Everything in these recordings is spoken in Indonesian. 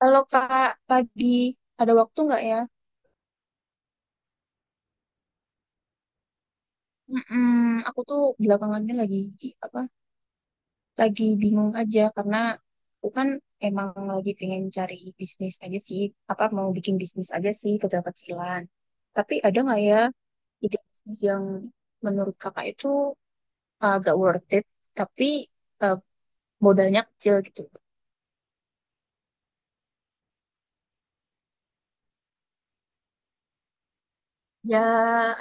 Kalau Kak, lagi ada waktu nggak ya? Mm-mm, aku tuh belakangannya lagi apa? Lagi bingung aja karena aku kan emang lagi pengen cari bisnis aja sih, apa mau bikin bisnis aja sih kecil-kecilan. Tapi ada nggak ya ide bisnis yang menurut Kakak itu agak worth it, tapi eh, modalnya kecil gitu? Ya,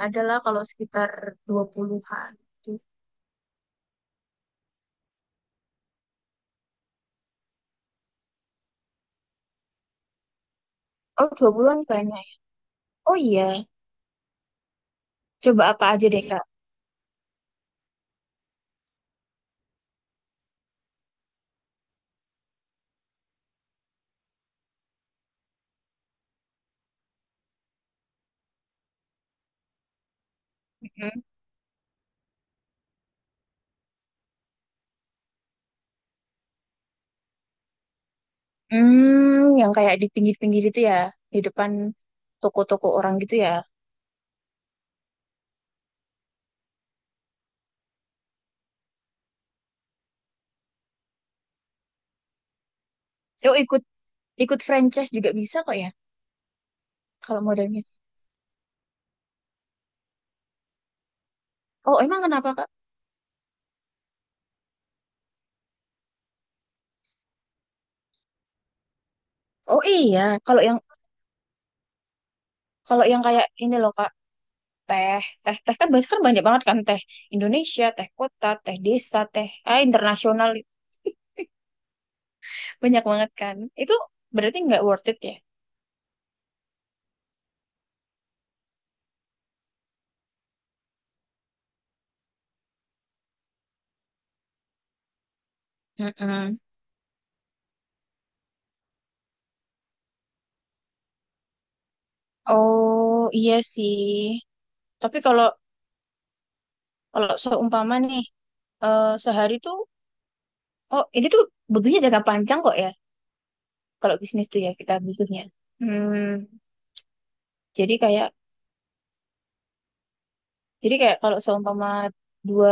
adalah kalau sekitar 20-an. Gitu. Oh, dua bulan banyak. Oh iya, coba apa aja deh Kak? Hmm, yang kayak di pinggir-pinggir itu ya, di depan toko-toko orang gitu ya. Oh, ikut ikut franchise juga bisa kok ya, kalau modalnya. Oh, emang kenapa, Kak? Oh iya, kalau yang kalau yang kayak ini loh, Kak, teh kan biasanya kan banyak banget kan teh Indonesia, teh kota, teh desa, teh internasional banyak banget kan. Itu berarti nggak worth it ya? Mm-mm. Oh iya sih. Tapi kalau kalau seumpama nih eh, sehari tuh Oh, ini tuh butuhnya jangka panjang kok ya. Kalau bisnis tuh ya kita butuhnya. Hmm, jadi kayak, jadi kayak kalau seumpama dua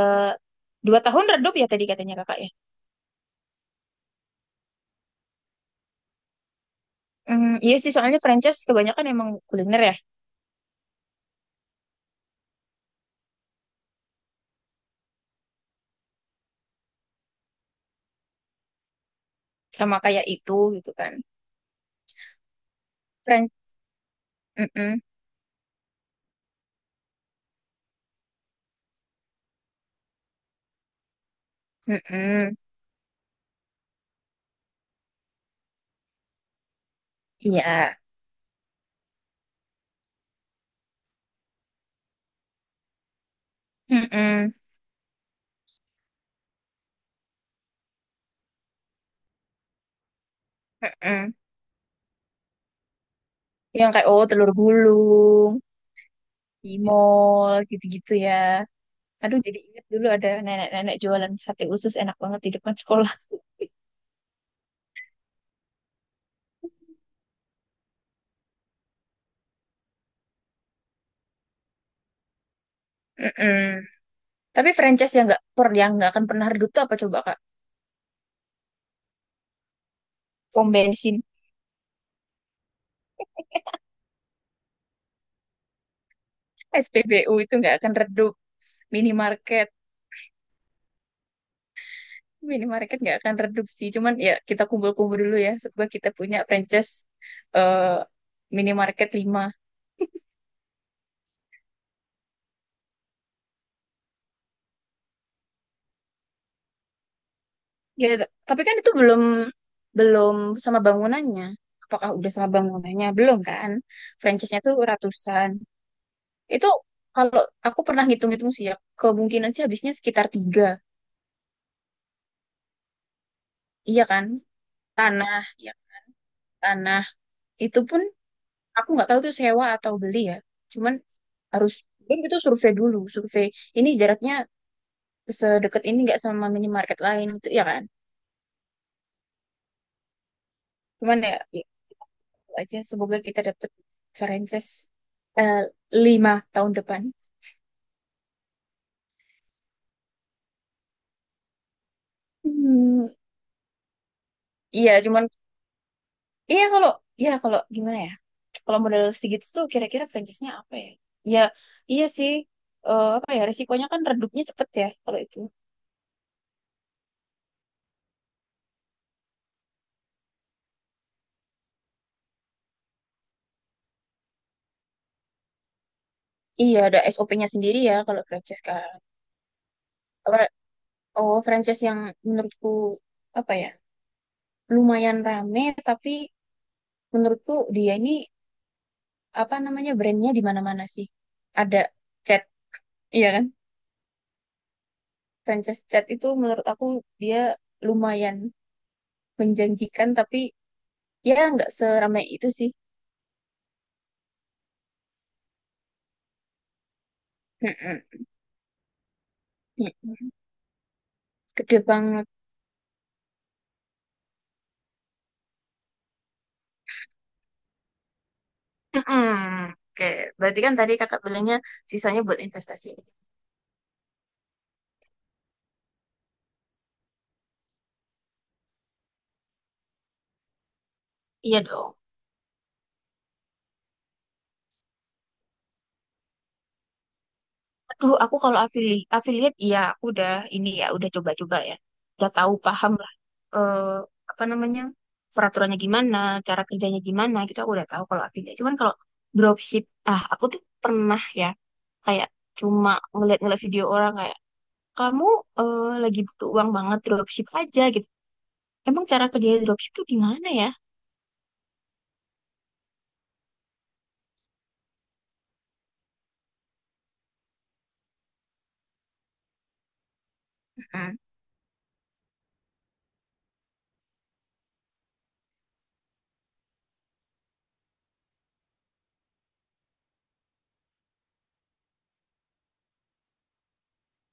dua tahun redup ya tadi katanya kakak ya. Hmm, iya sih soalnya franchise kebanyakan emang kuliner ya, sama kayak itu gitu kan. Fran, mm-mm, mm-mm, iya, mm-mm, mm-mm. Yang kayak oh telur gulung, di mall gitu-gitu ya. Aduh jadi ingat dulu ada nenek-nenek jualan sate usus enak banget di depan sekolah. Mm-mm. Tapi franchise yang nggak per yang nggak akan pernah redup tuh apa coba Kak? Pom bensin, SPBU itu nggak akan redup, minimarket, minimarket nggak akan redup sih. Cuman ya kita kumpul-kumpul dulu ya. Semoga kita punya franchise eh, minimarket lima. Ya, tapi kan itu belum belum sama bangunannya. Apakah udah sama bangunannya? Belum kan? Franchise-nya tuh ratusan. Itu kalau aku pernah ngitung-ngitung sih ya, kemungkinan sih habisnya sekitar tiga. Iya kan? Tanah, ya tanah itu pun aku nggak tahu itu sewa atau beli ya cuman harus belum itu survei ini jaraknya sedekat ini nggak sama minimarket lain itu ya kan cuman ya itu aja semoga kita dapet franchise eh, lima tahun depan. Hmm, iya cuman iya kalau iya kalau gimana ya kalau modal sedikit tuh kira-kira franchise-nya apa ya ya iya sih apa ya resikonya kan redupnya cepet ya kalau itu. Iya, ada SOP-nya sendiri ya kalau franchise kan. Oh, franchise yang menurutku apa ya? Lumayan rame tapi menurutku dia ini apa namanya brandnya di mana-mana sih. Ada Chat, iya kan? Franchise Chat itu menurut aku dia lumayan menjanjikan tapi ya nggak seramai itu sih. Mm-mm. Mm-mm. Gede banget. Mm-mm. Oke, berarti kan tadi kakak bilangnya sisanya buat investasi. Iya dong. Aduh, aku kalau afili affiliate ya aku udah ini ya udah coba-coba ya. Udah tahu paham lah eh, apa namanya peraturannya gimana, cara kerjanya gimana gitu aku udah tahu kalau affiliate. Cuman kalau dropship, ah aku tuh pernah ya kayak cuma ngeliat-ngeliat video orang kayak kamu lagi butuh uang banget dropship aja gitu. Emang cara kerjanya dropship tuh gimana ya? Heeh.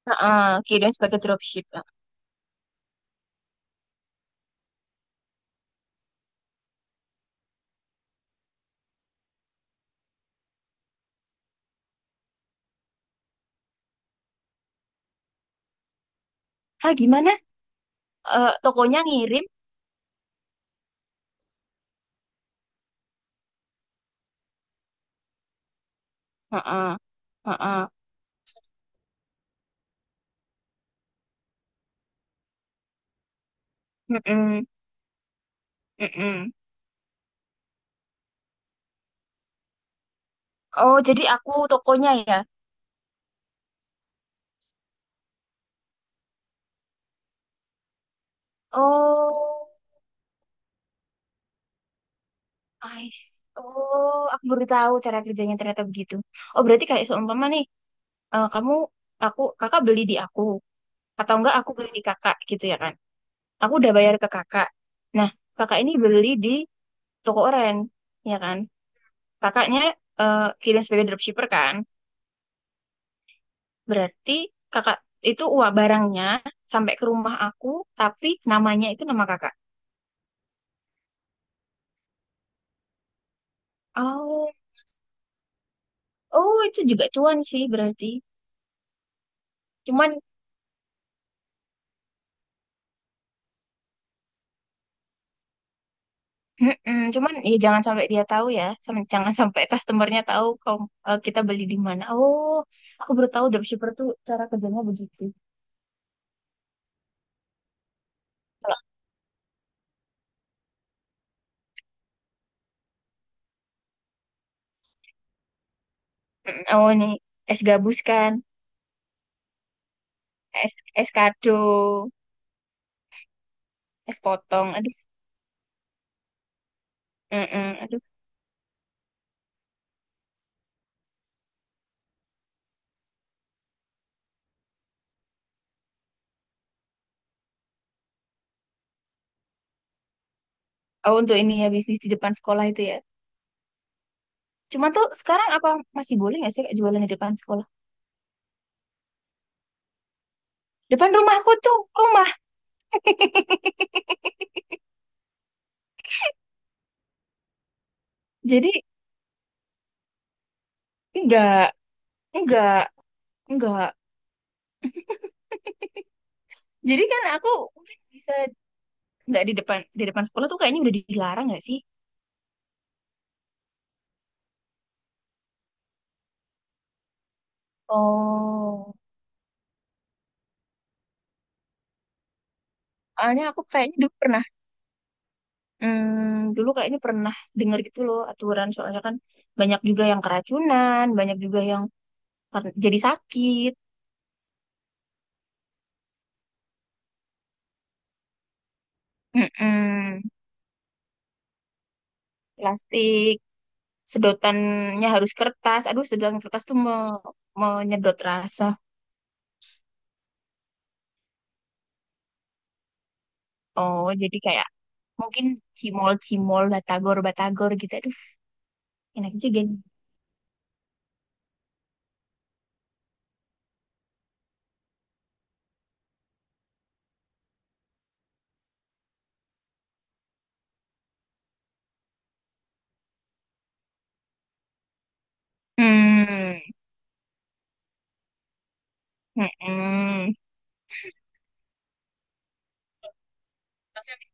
Heeh, kirain sebagai dropship. Hah, gimana? Eh, tokonya ngirim? Heeh. Heeh. Heeh. Heeh. Oh, jadi aku tokonya ya. Oh, Oh, aku baru tahu cara kerjanya ternyata begitu. Oh, berarti kayak seumpama nih, eh, kamu, aku, kakak beli di aku, atau enggak aku beli di kakak gitu ya kan? Aku udah bayar ke kakak. Nah, kakak ini beli di toko oren, ya kan? Kakaknya kirim sebagai dropshipper kan? Berarti kakak itu uang barangnya sampai ke rumah aku, tapi namanya itu nama kakak. Oh, oh itu juga cuan sih berarti. Cuman mm-mm, cuman ya jangan sampai dia tahu ya, jangan sampai customernya tahu kalau kita beli di mana. Oh, aku baru tahu dropshipper tuh cara kerjanya begitu. Kalau mm, oh ini es gabus kan, es es kado, es potong. Aduh, mm-mm, aduh. Oh untuk ini ya bisnis di depan sekolah itu ya. Cuma tuh sekarang apa masih boleh nggak sih kayak jualan di depan sekolah? Depan rumahku tuh rumah. Jadi enggak, enggak, enggak. Jadi kan aku mungkin bisa nggak di depan sekolah tuh kayaknya udah dilarang nggak sih? Oh, soalnya aku kayaknya dulu pernah, hmm, dulu kayaknya pernah dengar gitu loh aturan soalnya kan banyak juga yang keracunan, banyak juga yang jadi sakit. Mm-mm, plastik, sedotannya harus kertas. Aduh, sedotan kertas tuh menyedot rasa. Oh, jadi kayak mungkin cimol-cimol, batagor-batagor gitu. Aduh, enak juga nih. Hmm, mm-mm. Rasanya-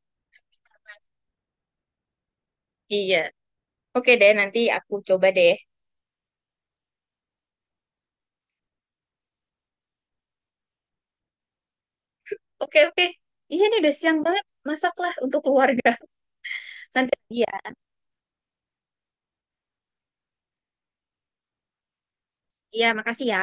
Iya. Oke deh, nanti aku coba deh. Oke, oke. Iya nih udah siang banget. Masaklah untuk keluarga. Nanti. Iya. Iya, makasih ya.